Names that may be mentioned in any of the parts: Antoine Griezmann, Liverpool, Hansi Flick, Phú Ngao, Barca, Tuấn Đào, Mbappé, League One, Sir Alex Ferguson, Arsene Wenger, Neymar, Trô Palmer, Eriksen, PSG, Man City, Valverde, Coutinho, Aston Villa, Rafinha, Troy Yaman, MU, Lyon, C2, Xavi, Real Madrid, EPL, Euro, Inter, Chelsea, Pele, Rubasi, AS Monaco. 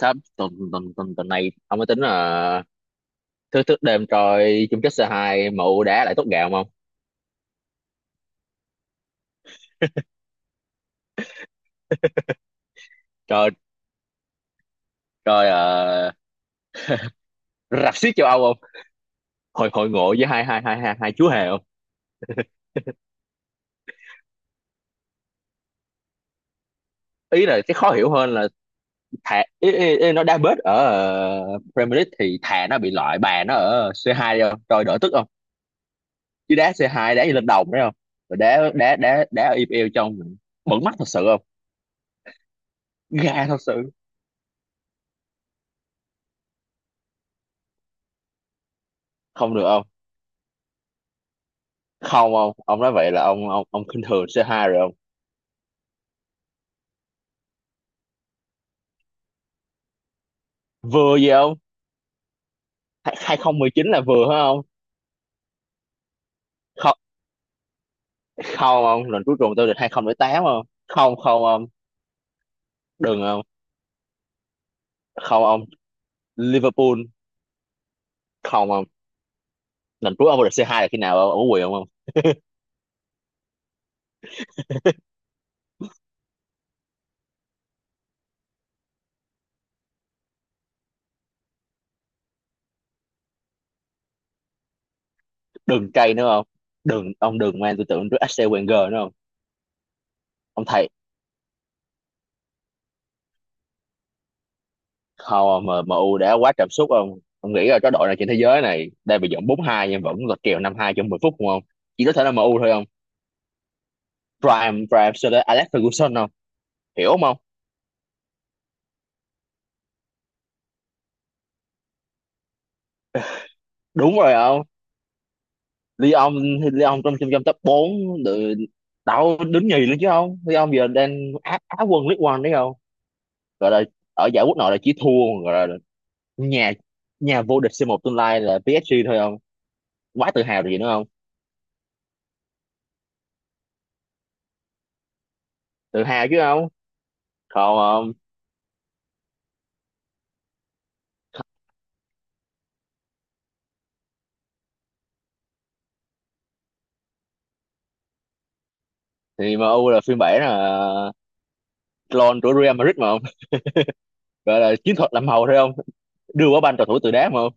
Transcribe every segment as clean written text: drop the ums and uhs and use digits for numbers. Sắp tuần tuần tuần tuần này ông mới tính là thức thức đêm coi chung kết C2 mụ đá lại tốt gạo không ông? Coi coi ờ, rạp xiếc châu Âu không? Hội hội ngộ với hai hai hai hai hai chú hề không? Ý là cái khó hiểu hơn là thà ý, ý, ý, nó đá bết ở Premier League thì thà nó bị loại bà nó ở C2 đi không? Coi đỡ tức không? Chứ đá C2 đá như lên đồng đấy không? Rồi đá đá đá đá ở EPL trong bẩn mắt thật sự không? Ga thật sự không được không? Không không? Ông nói vậy là ông khinh thường C2 rồi không? Vừa gì không? 2019 là vừa phải không không không ông, lần cuối cùng tôi được 2008 không không tám không. Không, không ông, đừng không không ông Liverpool không ông. Lần cuối ông được C2 là khi nào ông ở quyền không ông? Đừng cay nữa không, đừng ông, đừng mang tư tưởng trước Arsene Wenger nữa không ông thầy. Không ông, MU đã quá cảm xúc Ông nghĩ là cái đội này trên thế giới này đang bị dẫn bốn hai nhưng vẫn là kèo năm hai trong 10 phút không ông. Chỉ có thể là MU thôi không. Prime Prime Sir Alex Ferguson không. Hiểu không ông? Đúng rồi không. Lyon thì Lyon trong trong trong top 4 được. Đâu đứng nhì luôn chứ không, Lyon giờ đang á quân League One đấy không. Gọi là ở giải quốc nội là chỉ thua, gọi là nhà nhà vô địch C1 tương lai là PSG thôi không. Quá tự hào rồi gì nữa không. Tự hào chứ không. Còn thì em U là phiên bản là clone của Real Madrid mà không. Gọi là chiến thuật làm màu thôi không. Đưa quả banh cầu thủ từ đá mà không.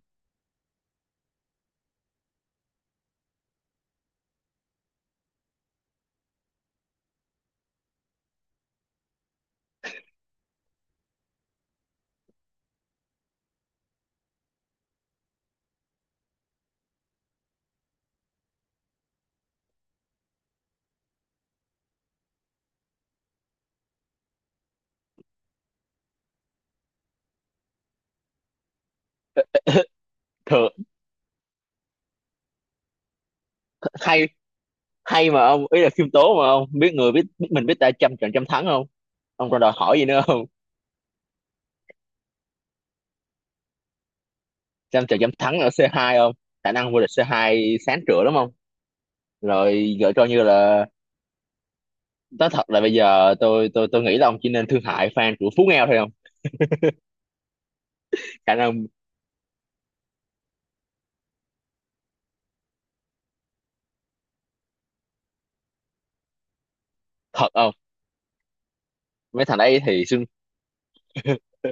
Thường hay hay mà ông, ý là khiêm tốn mà không? Biết người biết, biết mình biết ta, trăm trận trăm thắng không. Ông còn đòi hỏi gì nữa không. Xem trận dám thắng ở C2 không? Khả năng vô địch C2 sáng trưa lắm không? Rồi gỡ cho như là nói thật là bây giờ tôi nghĩ là ông chỉ nên thương hại fan của Phú Ngao thôi không? Khả năng thật không? Mấy thằng đấy thì xưng.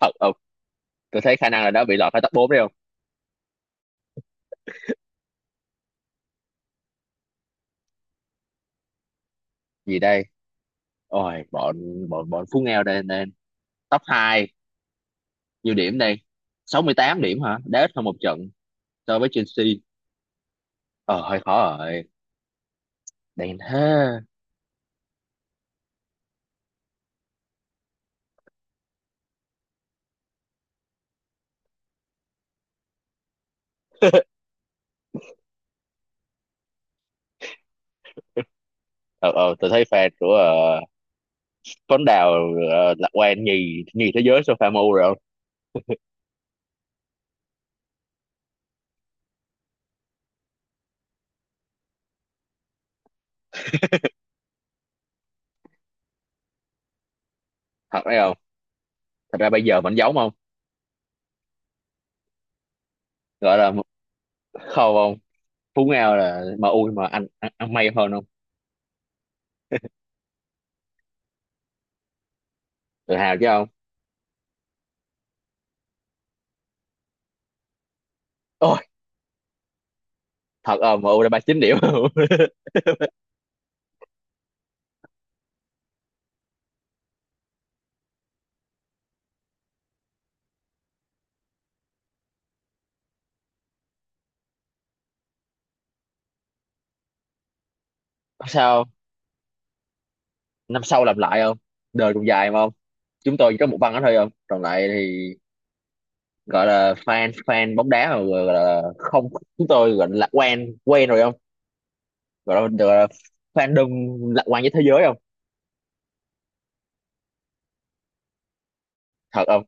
Thật không? Tôi thấy khả năng là đã bị lọt khỏi top 4 đấy không? Gì đây? Ôi bọn bọn bọn Phú Ngao đây nên top 2 nhiều điểm đây. 68 điểm hả? Đá ít hơn một trận so với Chelsea. Ờ hơi khó rồi. Đen thế. Ờ tôi thấy fan của Tuấn Đào lạc quan nhì nhì thế giới sofa MU rồi không? Thật đấy không? Thật ra bây giờ vẫn giống không? Gọi là khâu không? Phú Ngao là MU mà anh ăn may hơn không? Tự hào chứ không? Ôi, thật không? MU đã 39 điểm không? Sao? Năm sau làm lại không? Đời còn dài mà không? Chúng tôi chỉ có một băng đó thôi không. Còn lại thì gọi là fan fan bóng đá mà gọi là không, chúng tôi gọi là lạc quan quen rồi không? Gọi là fandom lạc quan với thế giới không? Thật không?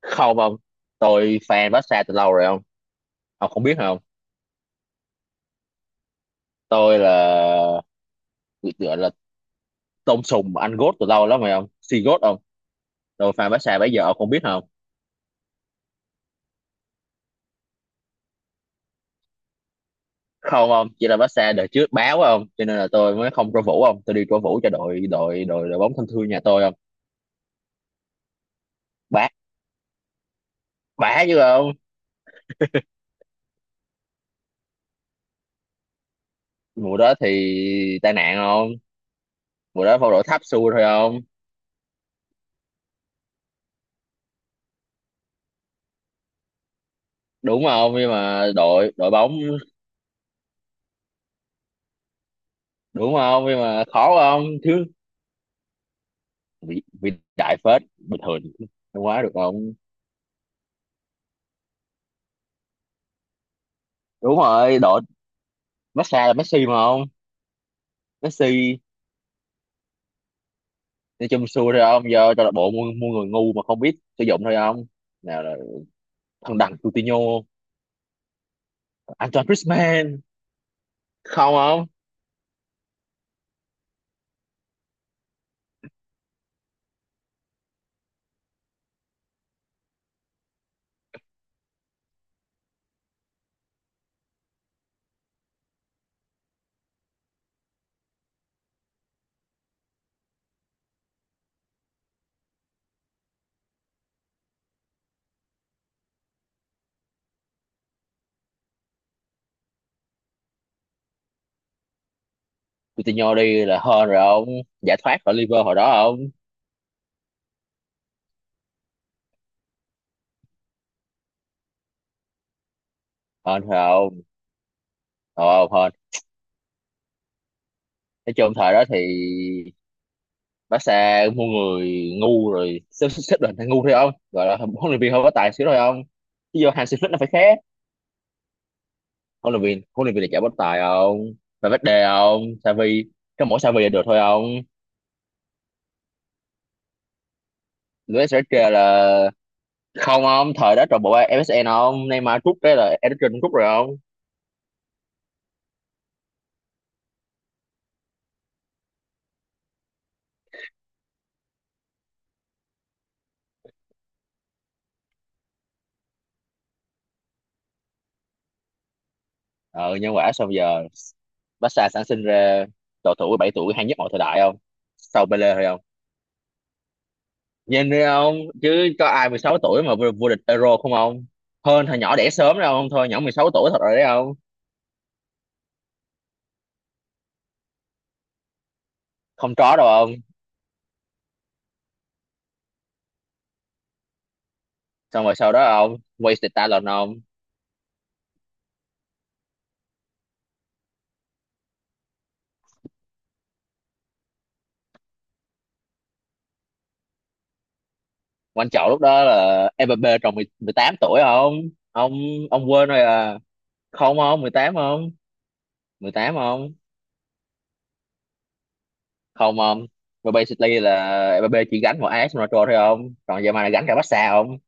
Không không? Tôi fan Barca từ lâu rồi không? Ông không biết không? Tôi là gọi là tôm sùng anh gốt từ lâu lắm rồi ông, si gốt ông. Tôi fan Barca bây giờ ông không biết không. Không ông, chỉ là Barca đời trước báo ông, cho nên là tôi mới không cổ vũ ông, tôi đi cổ vũ cho đội đội đội đội bóng thân thương nhà tôi ông. Bá bá chứ không. Mùa đó thì tai nạn không. Mùa đó phong độ thấp xuôi thôi không. Đúng không nhưng mà đội đội bóng. Đúng không nhưng mà khó không thiếu. Vĩ vĩ đại phết bình thường không quá được không. Đúng rồi đội Barca là Messi mà không. Messi nói chung xui thôi ông, giờ câu lạc bộ mua mua người ngu mà không biết sử dụng thôi ông. Nào là thằng đằng Coutinho, Antoine Griezmann không ông. Coutinho đi là hên rồi ông, giải thoát khỏi Liverpool hồi đó ông. Hên thôi ông. ờ hên nói chung thời đó thì Barca mua người ngu rồi xếp xếp xếp đoàn thằng ngu thôi ông, gọi là huấn luyện viên hơi có tài xíu thôi ông, chứ vô Hansi Flick nó phải khác. Huấn luyện viên là chả có tài ông, phải Valverde ông Xavi. Có mỗi Xavi là được thôi ông. Luis Enrique là không ông, thời đó trò bộ MSN không. Neymar rút cái là Eriksen cũng rút rồi không. Ờ nhân quả xong giờ Barca sản sinh ra cầu thủ 17 tuổi hay nhất mọi thời đại không, sau Pele thôi không. Nhìn đi ông, chứ có ai 16 tuổi mà vô vô địch Euro không ông, hơn thằng nhỏ đẻ sớm đâu ông. Thôi nhỏ 16 tuổi thật rồi đấy không. Không trói đâu ông, xong rồi sau đó ông wasted talent ông. Quan trọng lúc đó là Mbappé tròn 18 tuổi không ông. Ông quên rồi à? Không ông, 18 không, 18 không. Không không mà basically là Mbappé chỉ gánh một AS Monaco thôi không, còn giờ mà gánh cả Barca không.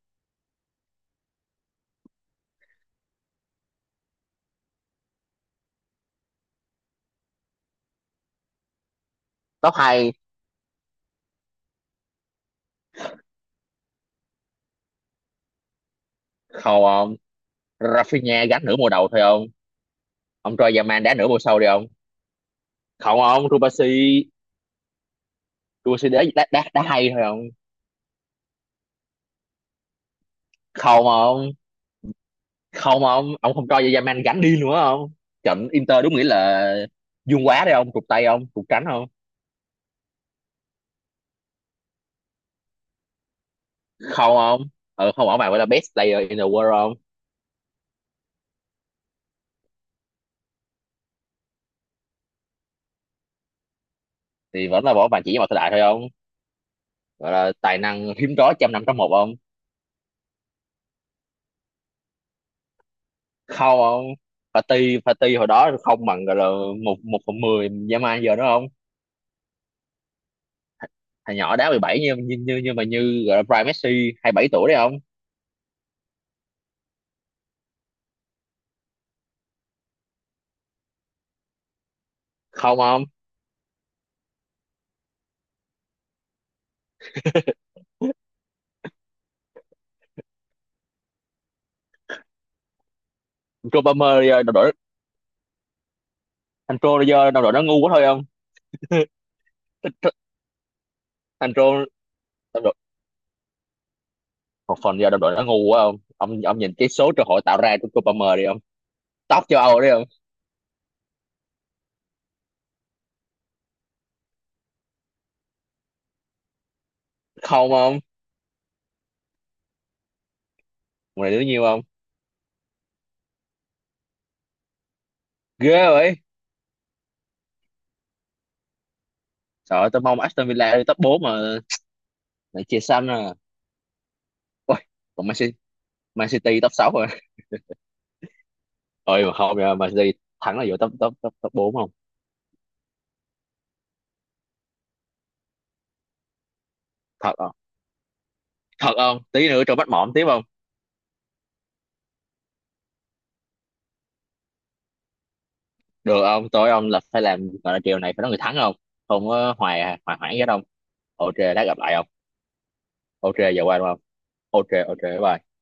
top 2 không, không Rafinha gánh nửa mùa đầu thôi không ông. Troy Yaman đá nửa mùa sau đi không. Không không Rubasi Rubasi đá hay thôi không. Không không không không ông, không cho Yaman gánh đi nữa không. Trận Inter đúng nghĩa là dương quá đấy không, cục tay không cục cánh không. Không không ừ, không bỏ bạn gọi là best player in the world không. Thì vẫn là bỏ bàn chỉ với một thời đại thôi không. Gọi là tài năng hiếm có trăm năm trong một không. Không không party party hồi đó không bằng gọi là một một phần mười dã man giờ đó không. Thằng nhỏ đá 17 như gọi là prime Messi 27 tuổi đấy không. Không không. Thằng Trô Palmer giờ đồng đội, thằng Trô giờ đồng đội nó ngu quá thôi không. Thằng Trô đồng đội một phần giờ đồng đội nó ngu quá không ông, ông nhìn cái số cơ hội tạo ra của Trô Palmer đi không. Top châu Âu đấy không. Không không mùa này đứa nhiêu không. Ghê vậy. Trời ơi, tôi mong Aston Villa đi top 4 mà lại chia xanh à. Ôi, còn Man City, Man City top 6 rồi ơi mà không nha, mà đi thắng là vô top top top top bốn không. Thật không thật không, tí nữa cho bắt mỏm tiếp không. Được không, tối ông là phải làm gọi là chiều này phải nói người thắng không, không có hoài hoài hoãn gì hết không. Ok lát gặp lại không. Ok giờ qua đúng không. Ok ok bye.